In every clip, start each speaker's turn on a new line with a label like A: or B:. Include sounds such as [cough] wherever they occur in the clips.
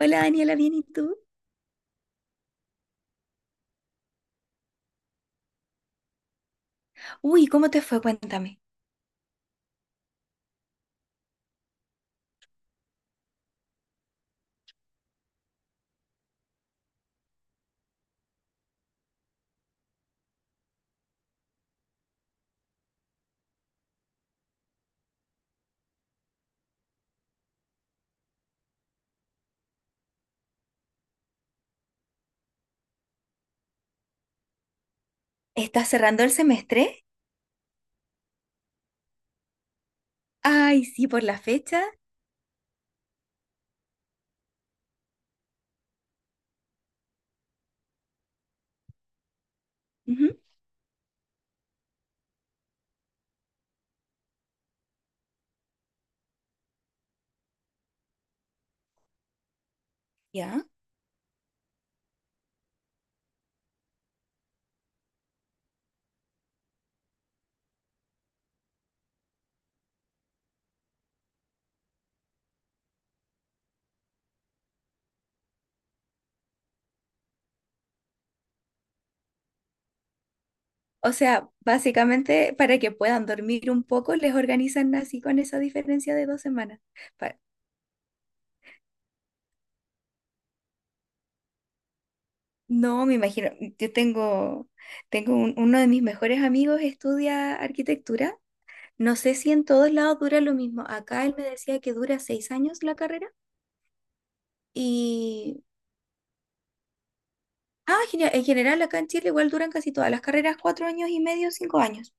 A: Hola Daniela, ¿bien y tú? Uy, ¿cómo te fue? Cuéntame. ¿Estás cerrando el semestre? Ay, sí, por la fecha. Ujú. ¿Ya? O sea, básicamente para que puedan dormir un poco, les organizan así con esa diferencia de 2 semanas. Pa- No, me imagino. Yo tengo uno de mis mejores amigos estudia arquitectura. No sé si en todos lados dura lo mismo. Acá él me decía que dura 6 años la carrera. Ah, genial. En general, acá en Chile igual duran casi todas las carreras 4 años y medio, 5 años.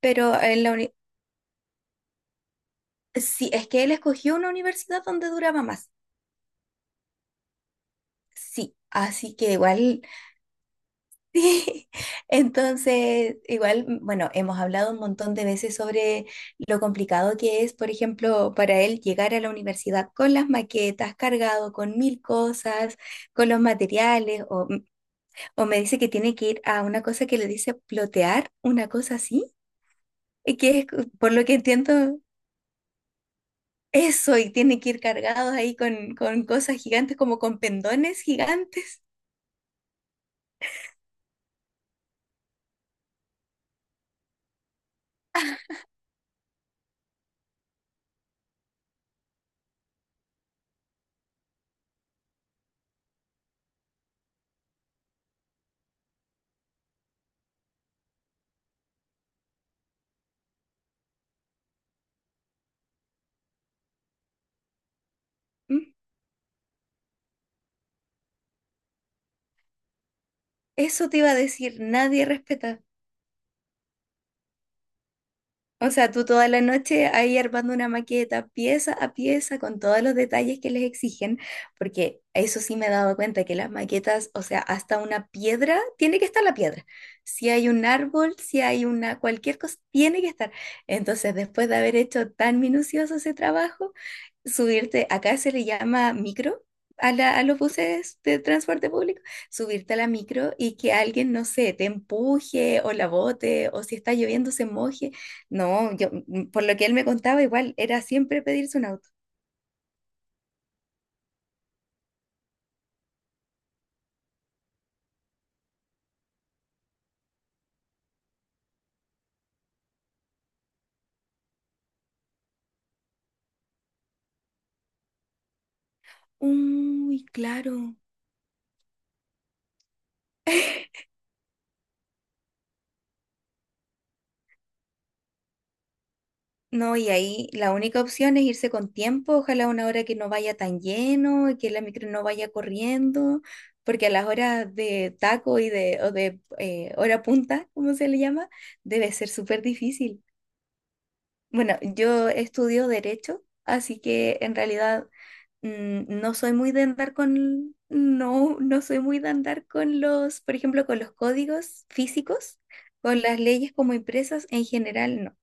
A: Pero en la uni- sí, es que él escogió una universidad donde duraba más. Sí, así que igual, [laughs] sí. Entonces, igual, bueno, hemos hablado un montón de veces sobre lo complicado que es, por ejemplo, para él llegar a la universidad con las maquetas, cargado con mil cosas, con los materiales, o me dice que tiene que ir a una cosa que le dice plotear, una cosa así. Y que es, por lo que entiendo, eso, y tiene que ir cargados ahí con cosas gigantes, como con pendones gigantes. Mm. Eso te iba a decir, nadie respeta. O sea, tú toda la noche ahí armando una maqueta pieza a pieza con todos los detalles que les exigen, porque eso sí me he dado cuenta que las maquetas, o sea, hasta una piedra, tiene que estar la piedra. Si hay un árbol, si hay una cualquier cosa, tiene que estar. Entonces, después de haber hecho tan minucioso ese trabajo, subirte, acá se le llama micro. A los buses de transporte público, subirte a la micro y que alguien, no sé, te empuje o la bote o si está lloviendo se moje. No, por lo que él me contaba, igual era siempre pedirse un auto. Uy, claro. No, y ahí la única opción es irse con tiempo, ojalá a una hora que no vaya tan lleno y que la micro no vaya corriendo, porque a las horas de taco y de hora punta, como se le llama, debe ser súper difícil. Bueno, yo estudio derecho, así que en realidad no soy muy de andar no, no soy muy de andar con los, por ejemplo, con los códigos físicos, con las leyes como impresas en general, no.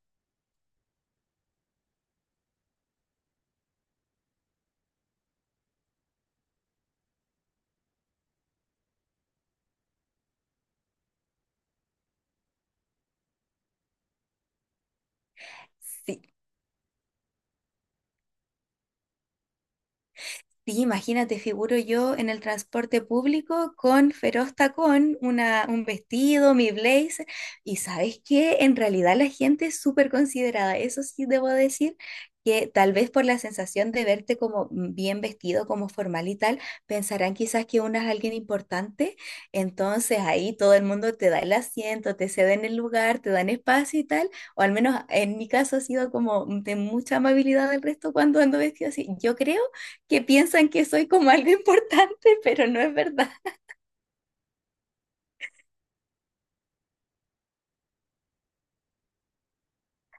A: Sí. Sí, imagínate, figuro yo en el transporte público con feroz tacón, un vestido, mi blazer. Y sabes que en realidad la gente es súper considerada. Eso sí debo decir que tal vez por la sensación de verte como bien vestido, como formal y tal, pensarán quizás que uno es alguien importante. Entonces ahí todo el mundo te da el asiento, te ceden el lugar, te dan espacio y tal. O al menos en mi caso ha sido como de mucha amabilidad del resto cuando ando vestido así. Yo creo que piensan que soy como algo [laughs] importante, pero no es verdad.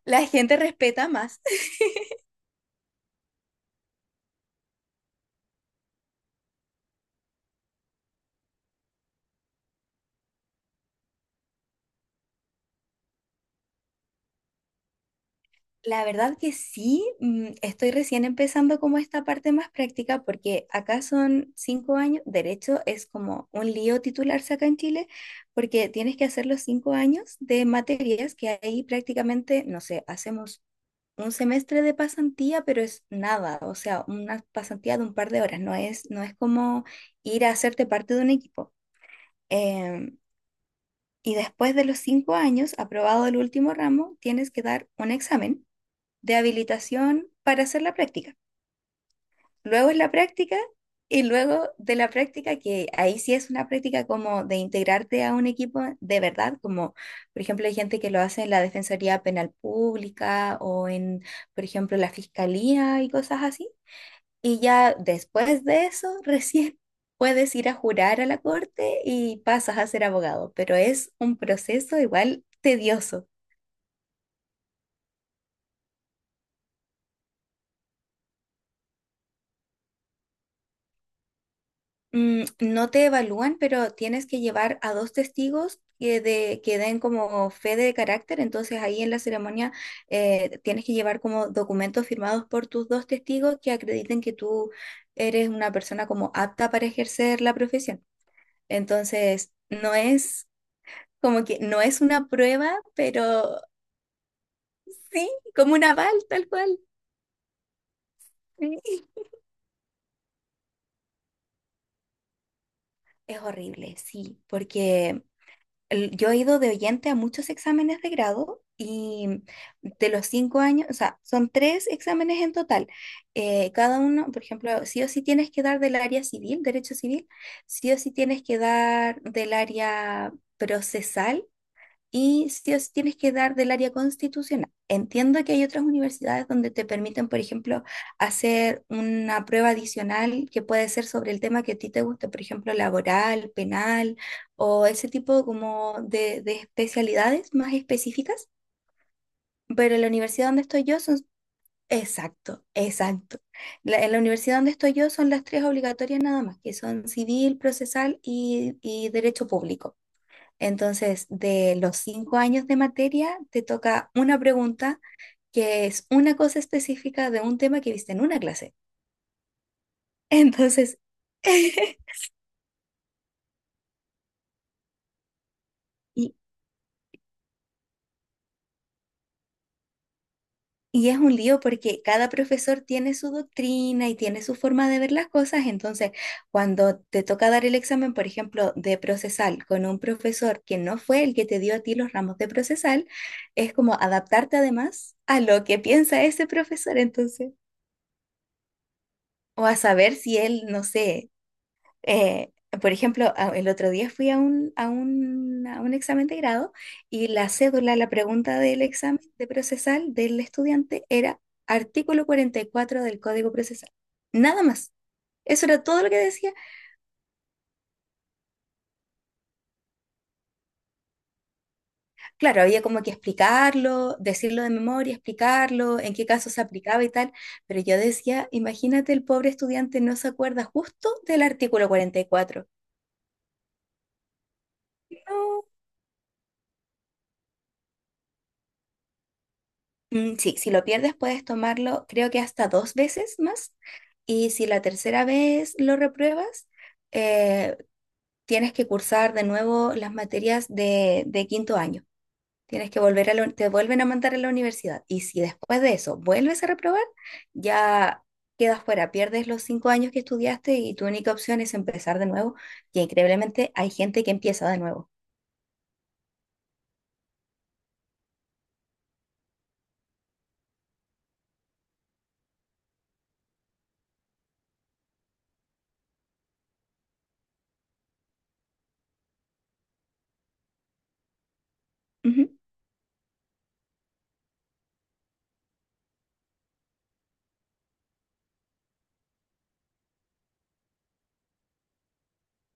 A: La gente respeta más. [laughs] La verdad que sí, estoy recién empezando como esta parte más práctica porque acá son 5 años, derecho es como un lío titularse acá en Chile porque tienes que hacer los 5 años de materias que ahí prácticamente, no sé, hacemos un semestre de pasantía, pero es nada, o sea, una pasantía de un par de horas, no es como ir a hacerte parte de un equipo. Em, Y después de los 5 años, aprobado el último ramo, tienes que dar un examen de habilitación para hacer la práctica. Luego es la práctica y luego de la práctica, que ahí sí es una práctica como de integrarte a un equipo de verdad, como por ejemplo hay gente que lo hace en la Defensoría Penal Pública o en, por ejemplo, la Fiscalía y cosas así. Y ya después de eso, [laughs] recién puedes ir a jurar a la corte y pasas a ser abogado, pero es un proceso igual tedioso. Mm, no te evalúan, pero tienes que llevar a dos testigos que den como fe de carácter, entonces ahí en la ceremonia tienes que llevar como documentos firmados por tus dos testigos que acrediten que tú eres una persona como apta para ejercer la profesión. Entonces, no es como que no es una prueba, pero sí, como una bal, tal cual. Sí. Es horrible, sí, porque yo he ido de oyente a muchos exámenes de grado y de los 5 años, o sea, son tres exámenes en total. Cada uno, por ejemplo, sí o sí tienes que dar del área civil, derecho civil, sí o sí tienes que dar del área procesal y sí os tienes que dar del área constitucional. Entiendo que hay otras universidades donde te permiten, por ejemplo, hacer una prueba adicional que puede ser sobre el tema que a ti te guste, por ejemplo, laboral, penal o ese tipo como de especialidades más específicas, pero en la universidad donde estoy yo son... Exacto, exacto. En la universidad donde estoy yo son las tres obligatorias nada más, que son civil, procesal y derecho público. Entonces, de los 5 años de materia, te toca una pregunta que es una cosa específica de un tema que viste en una clase. Entonces, [laughs] y, y es un lío porque cada profesor tiene su doctrina y tiene su forma de ver las cosas. Entonces, cuando te toca dar el examen, por ejemplo, de procesal con un profesor que no fue el que te dio a ti los ramos de procesal, es como adaptarte además a lo que piensa ese profesor. Entonces, o a saber si él, no sé. Eh, por ejemplo, el otro día fui a un examen de grado y la cédula, la pregunta del examen de procesal del estudiante era artículo 44 del Código Procesal. Nada más. Eso era todo lo que decía. Claro, había como que explicarlo, decirlo de memoria, explicarlo, en qué casos se aplicaba y tal, pero yo decía, imagínate, el pobre estudiante no se acuerda justo del artículo 44. No, sí, si lo pierdes puedes tomarlo creo que hasta dos veces más y si la tercera vez lo repruebas, eh, tienes que cursar de nuevo las materias de quinto año. Tienes que volver a te vuelven a mandar a la universidad y si después de eso vuelves a reprobar, ya quedas fuera, pierdes los 5 años que estudiaste y tu única opción es empezar de nuevo, que increíblemente hay gente que empieza de nuevo.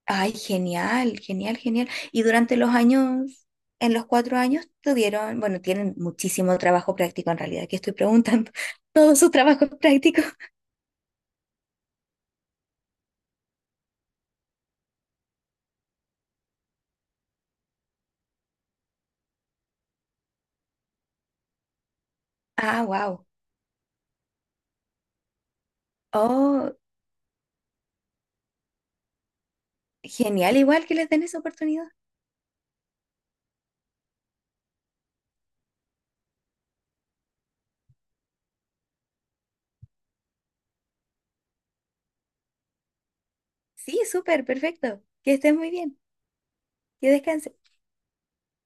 A: Ay, genial, genial, genial. Y durante los años, en los 4 años, tuvieron, bueno, tienen muchísimo trabajo práctico en realidad, que estoy preguntando, [laughs] todo su trabajo práctico. Ah, wow. Oh, genial, igual que les den esa oportunidad. Sí, súper, perfecto. Que estés muy bien, que descanses.